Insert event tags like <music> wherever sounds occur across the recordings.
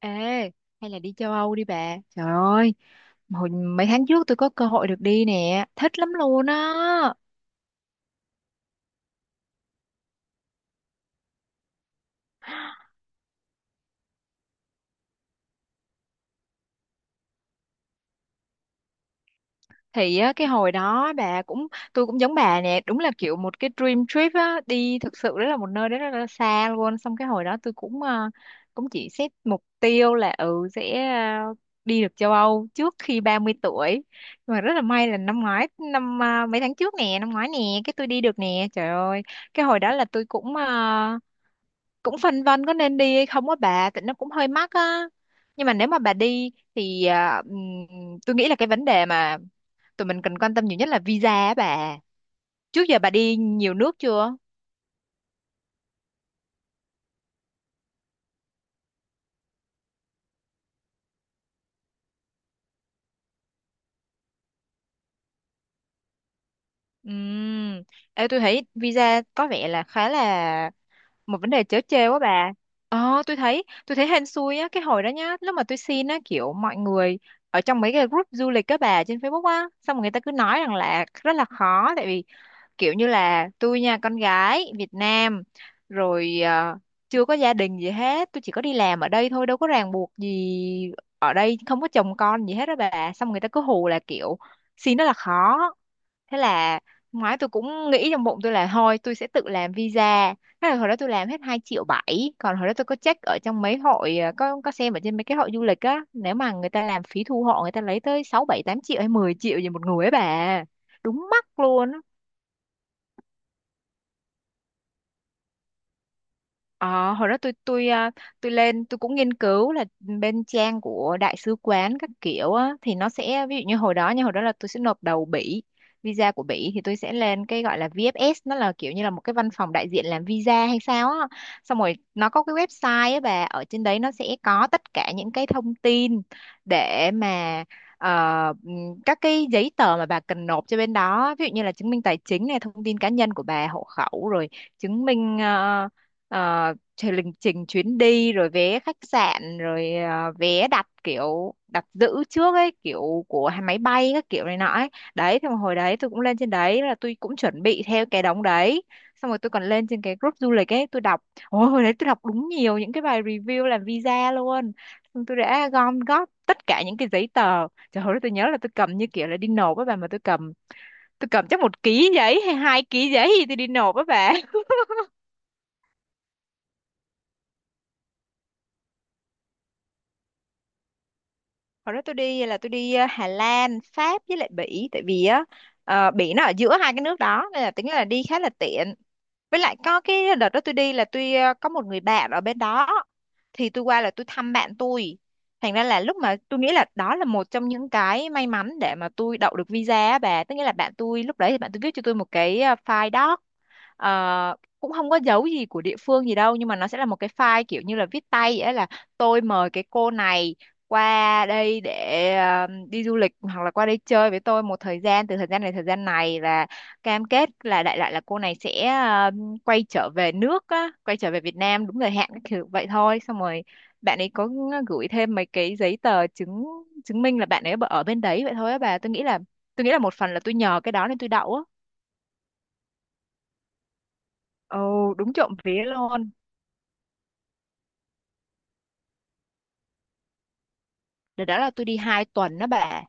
Ê, hay là đi châu Âu đi bà. Trời ơi, hồi mấy tháng trước tôi có cơ hội được đi nè, thích lắm luôn á. Thì á, cái hồi đó bà cũng tôi cũng giống bà nè, đúng là kiểu một cái dream trip á, đi thực sự đó là một nơi đó rất là xa luôn. Xong cái hồi đó tôi cũng cũng chỉ xét mục tiêu là sẽ đi được châu Âu trước khi 30 tuổi. Nhưng mà rất là may là năm ngoái năm ờ, mấy tháng trước nè, năm ngoái nè, cái tôi đi được nè. Trời ơi, cái hồi đó là tôi cũng cũng phân vân có nên đi hay không á bà, tại nó cũng hơi mắc á, nhưng mà nếu mà bà đi thì tôi nghĩ là cái vấn đề mà tụi mình cần quan tâm nhiều nhất là visa á bà. Trước giờ bà đi nhiều nước chưa? Ừm. Ê, tôi thấy visa có vẻ là khá là một vấn đề trớ trêu á bà. Tôi thấy hên xui á, cái hồi đó nhá, lúc mà tôi xin á kiểu mọi người ở trong mấy cái group du lịch các bà trên Facebook á, xong rồi người ta cứ nói rằng là rất là khó, tại vì kiểu như là tôi nha, con gái Việt Nam rồi, chưa có gia đình gì hết, tôi chỉ có đi làm ở đây thôi, đâu có ràng buộc gì, ở đây không có chồng con gì hết đó bà. Xong người ta cứ hù là kiểu xin rất là khó. Thế là năm ngoái tôi cũng nghĩ trong bụng tôi là thôi tôi sẽ tự làm visa. Thế là hồi đó tôi làm hết 2,7 triệu, còn hồi đó tôi có check ở trong mấy hội có xem ở trên mấy cái hội du lịch á, nếu mà người ta làm phí thu hộ, người ta lấy tới sáu bảy tám triệu hay 10 triệu gì một người ấy bà. Đúng mắc luôn. Ờ, Hồi đó tôi lên, tôi cũng nghiên cứu là bên trang của đại sứ quán các kiểu á, thì nó sẽ ví dụ như hồi đó, là tôi sẽ nộp đầu Bỉ. Visa của Bỉ thì tôi sẽ lên cái gọi là VFS, nó là kiểu như là một cái văn phòng đại diện làm visa hay sao á. Xong rồi nó có cái website á bà, ở trên đấy nó sẽ có tất cả những cái thông tin để mà ờ, các cái giấy tờ mà bà cần nộp cho bên đó, ví dụ như là chứng minh tài chính này, thông tin cá nhân của bà, hộ khẩu, rồi chứng minh ờ, ờ, trình lịch trình chuyến đi, rồi vé khách sạn, rồi vé đặt kiểu đặt giữ trước ấy, kiểu của hai máy bay các kiểu này nọ ấy. Đấy, thì hồi đấy tôi cũng lên trên đấy, là tôi cũng chuẩn bị theo cái đống đấy, xong rồi tôi còn lên trên cái group du lịch ấy tôi đọc. Ôi, hồi đấy tôi đọc đúng nhiều những cái bài review làm visa luôn. Xong tôi đã gom góp tất cả những cái giấy tờ, trời ơi tôi nhớ là tôi cầm như kiểu là đi nộp á bà, mà tôi cầm chắc 1 ký giấy hay 2 ký giấy thì tôi đi nộp á bà. Hồi đó tôi đi là tôi đi Hà Lan, Pháp với lại Bỉ, tại vì á Bỉ nó ở giữa hai cái nước đó, nên là tính là đi khá là tiện. Với lại có cái đợt đó tôi đi là tôi có một người bạn ở bên đó, thì tôi qua là tôi thăm bạn tôi. Thành ra là lúc mà tôi nghĩ là đó là một trong những cái may mắn để mà tôi đậu được visa á bà, tức nghĩa là bạn tôi, lúc đấy thì bạn tôi viết cho tôi một cái file doc, cũng không có dấu gì của địa phương gì đâu, nhưng mà nó sẽ là một cái file kiểu như là viết tay vậy á, là tôi mời cái cô này qua đây để đi du lịch, hoặc là qua đây chơi với tôi một thời gian, từ thời gian này thời gian này, là cam kết là đại loại là cô này sẽ quay trở về nước á, quay trở về Việt Nam đúng thời hạn các kiểu vậy thôi. Xong rồi bạn ấy có gửi thêm mấy cái giấy tờ chứng chứng minh là bạn ấy ở bên đấy vậy thôi á bà. Tôi nghĩ là, một phần là tôi nhờ cái đó nên tôi đậu á. Ồ đúng trộm vía luôn. Đợt đó là tôi đi 2 tuần đó bà.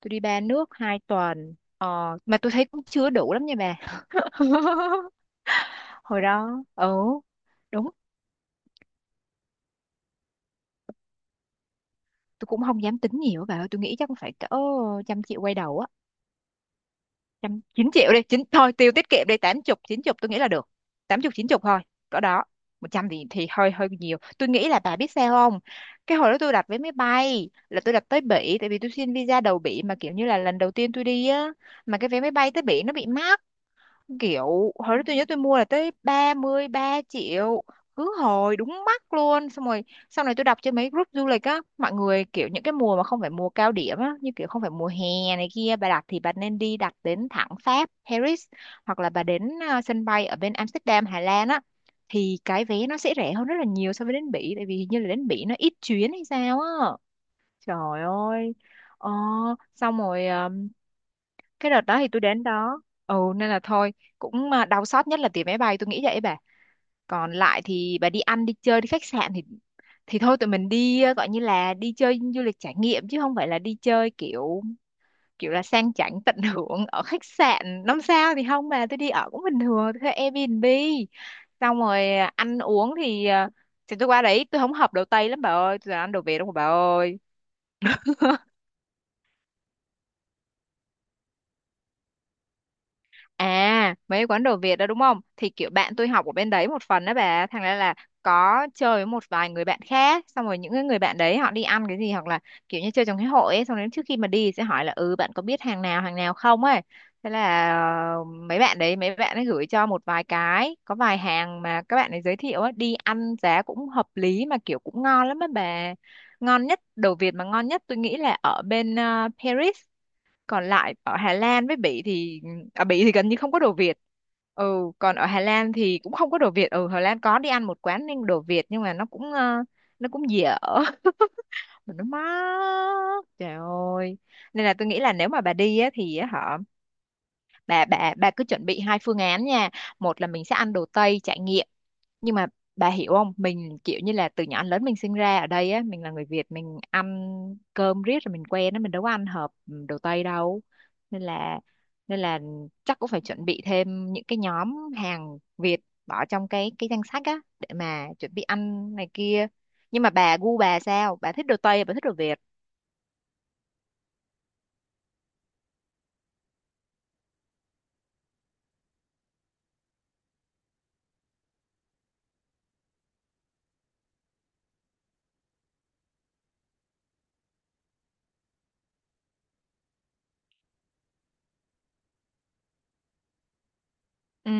Tôi đi ba nước 2 tuần. Ờ, mà tôi thấy cũng chưa đủ lắm nha bà. <laughs> Hồi đó, ừ, đúng. Tôi cũng không dám tính nhiều á bà ơi. Tôi nghĩ chắc cũng phải cỡ trăm triệu quay đầu á. Trăm, chín triệu đi. Chín, thôi, tiêu tiết kiệm đi. Tám chục, chín chục tôi nghĩ là được. Tám chục, chín chục thôi. Cỡ đó. Một trăm thì, hơi hơi nhiều. Tôi nghĩ là bà biết sao không? Cái hồi đó tôi đặt vé máy bay là tôi đặt tới Bỉ. Tại vì tôi xin visa đầu Bỉ, mà kiểu như là lần đầu tiên tôi đi á. Mà cái vé máy bay tới Bỉ nó bị mắc, kiểu hồi đó tôi nhớ tôi mua là tới 33 triệu, cứ hồi đúng mắc luôn. Xong rồi sau này tôi đọc trên mấy group du lịch á, mọi người kiểu những cái mùa mà không phải mùa cao điểm á, như kiểu không phải mùa hè này kia, bà đặt thì bà nên đi đặt đến thẳng Pháp, Paris, hoặc là bà đến sân bay ở bên Amsterdam Hà Lan á, thì cái vé nó sẽ rẻ hơn rất là nhiều so với đến Bỉ, tại vì hình như là đến Bỉ nó ít chuyến hay sao á. Trời ơi. ờ, Xong rồi cái đợt đó thì tôi đến đó, nên là thôi cũng, đau xót nhất là tiền máy bay tôi nghĩ vậy bà. Còn lại thì bà đi ăn đi chơi đi khách sạn thì, thôi tụi mình đi, gọi như là đi chơi du lịch trải nghiệm chứ không phải là đi chơi kiểu, kiểu là sang chảnh tận hưởng ở khách sạn năm sao thì không, mà tôi đi ở cũng bình thường, tôi thuê Airbnb. Xong rồi ăn uống thì thì tôi qua đấy, tôi không hợp đồ Tây lắm bà ơi, tôi toàn ăn đồ Việt không bà ơi. À, mấy quán đồ Việt đó đúng không? Thì kiểu bạn tôi học ở bên đấy một phần đó bà, thành ra là có chơi với một vài người bạn khác, xong rồi những cái người bạn đấy họ đi ăn cái gì, hoặc là kiểu như chơi trong cái hội ấy, xong đến trước khi mà đi sẽ hỏi là bạn có biết hàng nào không ấy. Thế là mấy bạn đấy mấy bạn ấy gửi cho một vài cái, có vài hàng mà các bạn ấy giới thiệu ấy, đi ăn giá cũng hợp lý mà kiểu cũng ngon lắm á bà. Ngon nhất đồ Việt mà ngon nhất tôi nghĩ là ở bên Paris. Còn lại ở Hà Lan với Bỉ thì ở Bỉ thì gần như không có đồ Việt. Ừ, còn ở Hà Lan thì cũng không có đồ Việt. Ừ, Hà Lan có đi ăn một quán nên đồ Việt nhưng mà nó cũng dở <laughs> mà nó mắc trời ơi. Nên là tôi nghĩ là nếu mà bà đi á, thì á, hả, bà cứ chuẩn bị hai phương án nha. Một là mình sẽ ăn đồ Tây trải nghiệm, nhưng mà bà hiểu không, mình kiểu như là từ nhỏ đến lớn mình sinh ra ở đây á, mình là người Việt, mình ăn cơm riết rồi mình quen á, mình đâu có ăn hợp ừ, đồ Tây đâu. Nên là nên là chắc cũng phải chuẩn bị thêm những cái nhóm hàng Việt, bỏ trong cái danh sách á để mà chuẩn bị ăn này kia. Nhưng mà bà gu bà sao, bà thích đồ Tây bà thích đồ Việt? Ừ,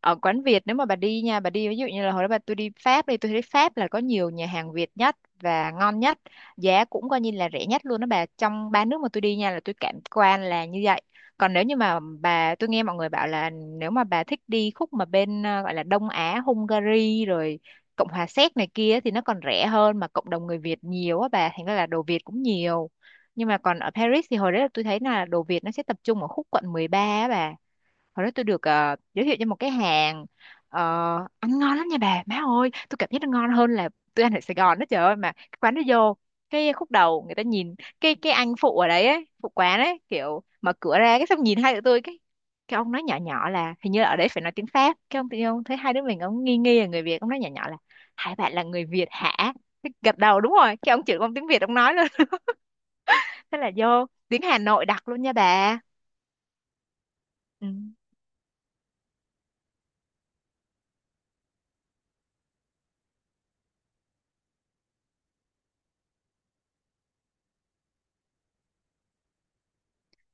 ở quán Việt nếu mà bà đi nha, bà đi ví dụ như là hồi đó bà, tôi đi Pháp đi, tôi thấy Pháp là có nhiều nhà hàng Việt nhất và ngon nhất, giá cũng coi như là rẻ nhất luôn đó bà, trong ba nước mà tôi đi nha là tôi cảm quan là như vậy. Còn nếu như mà bà, tôi nghe mọi người bảo là nếu mà bà thích đi khúc mà bên gọi là Đông Á, Hungary rồi Cộng hòa Séc này kia thì nó còn rẻ hơn, mà cộng đồng người Việt nhiều á bà, thành ra là đồ Việt cũng nhiều. Nhưng mà còn ở Paris thì hồi đấy là tôi thấy là đồ Việt nó sẽ tập trung ở khúc quận 13 á bà. Hồi đó tôi được giới thiệu cho một cái hàng, ờ, ăn ngon lắm nha bà, má ơi tôi cảm giác nó ngon hơn là tôi ăn ở Sài Gòn đó, trời ơi. Mà cái quán nó vô cái khúc đầu người ta nhìn, cái anh phụ ở đấy ấy, phụ quán ấy, kiểu mở cửa ra cái xong nhìn hai tụi tôi cái ông nói nhỏ nhỏ là hình như là ở đấy phải nói tiếng Pháp, cái ông tự nhiên ông thấy hai đứa mình ông nghi nghi là người Việt, ông nói nhỏ nhỏ là hai bạn là người Việt hả, cái gật đầu đúng rồi, cái ông chửi, ông tiếng Việt ông nói luôn. <laughs> Thế là vô tiếng Hà Nội đặc luôn nha bà. Ừ.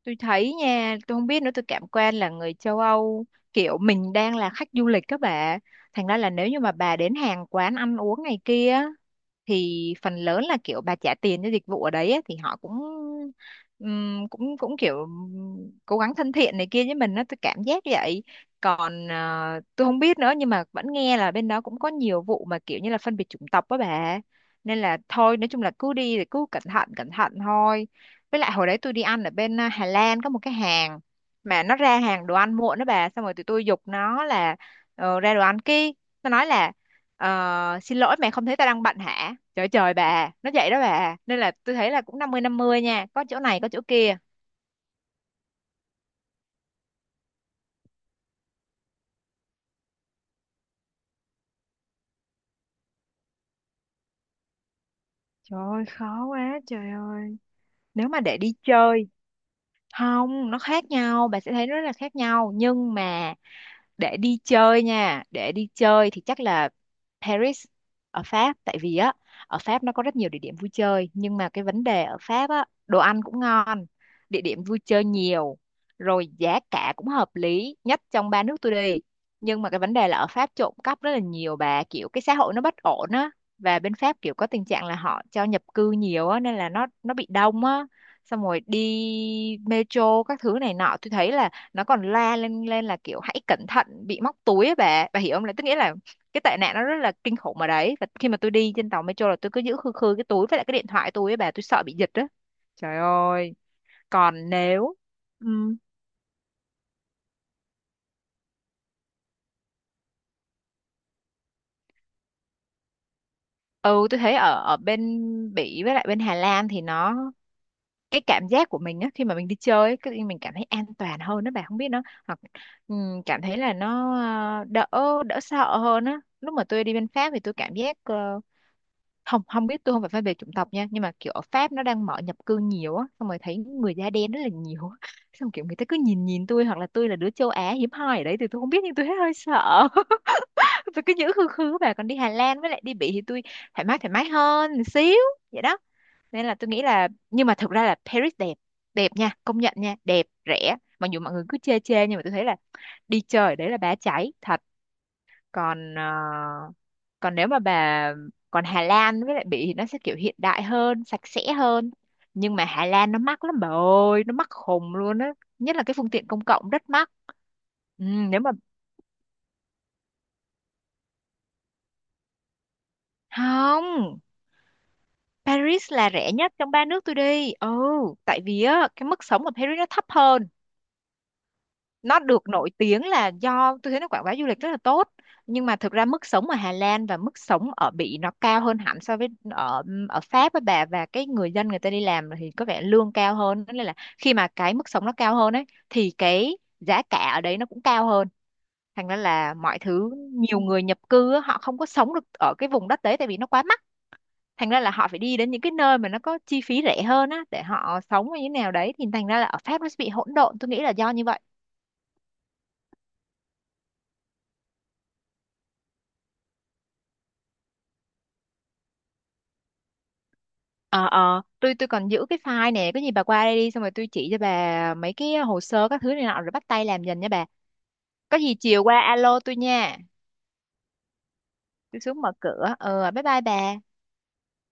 Tôi thấy nha, tôi không biết nữa, tôi cảm quan là người châu Âu kiểu mình đang là khách du lịch các bạn, thành ra là nếu như mà bà đến hàng quán ăn uống này kia thì phần lớn là kiểu bà trả tiền cho dịch vụ ở đấy ấy, thì họ cũng cũng cũng kiểu cố gắng thân thiện này kia với mình á, tôi cảm giác vậy. Còn tôi không biết nữa nhưng mà vẫn nghe là bên đó cũng có nhiều vụ mà kiểu như là phân biệt chủng tộc đó bà. Nên là thôi, nói chung là cứ đi thì cứ cẩn thận thôi. Với lại hồi đấy tôi đi ăn ở bên Hà Lan có một cái hàng mà nó ra hàng đồ ăn muộn đó bà, xong rồi tụi tôi giục nó là ra đồ ăn kia, nó nói là ờ, xin lỗi mẹ không thấy ta đang bận hả? Trời trời bà, nó vậy đó bà. Nên là tôi thấy là cũng năm mươi nha, có chỗ này có chỗ kia. Trời ơi khó quá trời ơi. Nếu mà để đi chơi, không, nó khác nhau, bà sẽ thấy rất là khác nhau. Nhưng mà để đi chơi nha, để đi chơi thì chắc là Paris, ở Pháp, tại vì á ở Pháp nó có rất nhiều địa điểm vui chơi. Nhưng mà cái vấn đề ở Pháp á, đồ ăn cũng ngon, địa điểm vui chơi nhiều, rồi giá cả cũng hợp lý nhất trong ba nước tôi đi. Nhưng mà cái vấn đề là ở Pháp trộm cắp rất là nhiều bà, kiểu cái xã hội nó bất ổn á, và bên Pháp kiểu có tình trạng là họ cho nhập cư nhiều á nên là nó bị đông á. Xong rồi đi metro các thứ này nọ tôi thấy là nó còn la lên lên là kiểu hãy cẩn thận bị móc túi ấy bà hiểu không, là tức nghĩa là cái tệ nạn nó rất là kinh khủng ở đấy. Và khi mà tôi đi trên tàu metro là tôi cứ giữ khư khư cái túi với lại cái điện thoại tôi ấy bà, tôi sợ bị giật đó, trời ơi. Còn nếu ừm, ừ, tôi thấy ở ở bên Bỉ với lại bên Hà Lan thì nó, cái cảm giác của mình á khi mà mình đi chơi ấy, cái mình cảm thấy an toàn hơn đó bà, không biết nó, hoặc cảm thấy là nó đỡ đỡ sợ hơn á. Lúc mà tôi đi bên Pháp thì tôi cảm giác không, không biết, tôi không phải phân biệt chủng tộc nha, nhưng mà kiểu ở Pháp nó đang mở nhập cư nhiều á, xong rồi thấy người da đen rất là nhiều á, <laughs> xong kiểu người ta cứ nhìn nhìn tôi, hoặc là tôi là đứa châu Á hiếm hoi ở đấy thì tôi không biết, nhưng tôi thấy hơi sợ. <laughs> Tôi cứ nhữ khư khư, và còn đi Hà Lan với lại đi Bỉ thì tôi thoải mái, thoải mái hơn một xíu, vậy đó. Nên là tôi nghĩ là, nhưng mà thực ra là Paris đẹp, đẹp nha, công nhận nha, đẹp rẻ, mặc dù mọi người cứ chê chê nhưng mà tôi thấy là đi chơi ở đấy là bá cháy thật. Còn ờ, còn nếu mà bà còn Hà Lan với lại Bỉ thì nó sẽ kiểu hiện đại hơn, sạch sẽ hơn. Nhưng mà Hà Lan nó mắc lắm bà ơi, nó mắc khùng luôn á, nhất là cái phương tiện công cộng rất mắc. Ừ, nếu mà, không, Paris là rẻ nhất trong ba nước tôi đi. Ừ, tại vì á cái mức sống ở Paris nó thấp hơn, nó được nổi tiếng là do tôi thấy nó quảng bá du lịch rất là tốt. Nhưng mà thực ra mức sống ở Hà Lan và mức sống ở Bỉ nó cao hơn hẳn so với ở ở Pháp với bà, và cái người dân người ta đi làm thì có vẻ lương cao hơn, nên là khi mà cái mức sống nó cao hơn ấy thì cái giá cả ở đấy nó cũng cao hơn, thành ra là mọi thứ, nhiều người nhập cư á, họ không có sống được ở cái vùng đất đấy tại vì nó quá mắc. Thành ra là họ phải đi đến những cái nơi mà nó có chi phí rẻ hơn á để họ sống như thế nào đấy, thì thành ra là ở Pháp nó sẽ bị hỗn độn, tôi nghĩ là do như vậy. Tôi còn giữ cái file nè, có gì bà qua đây đi xong rồi tôi chỉ cho bà mấy cái hồ sơ các thứ này nọ rồi bắt tay làm dần nha bà. Có gì chiều qua alo tôi nha. Tôi xuống mở cửa, bye bye bà.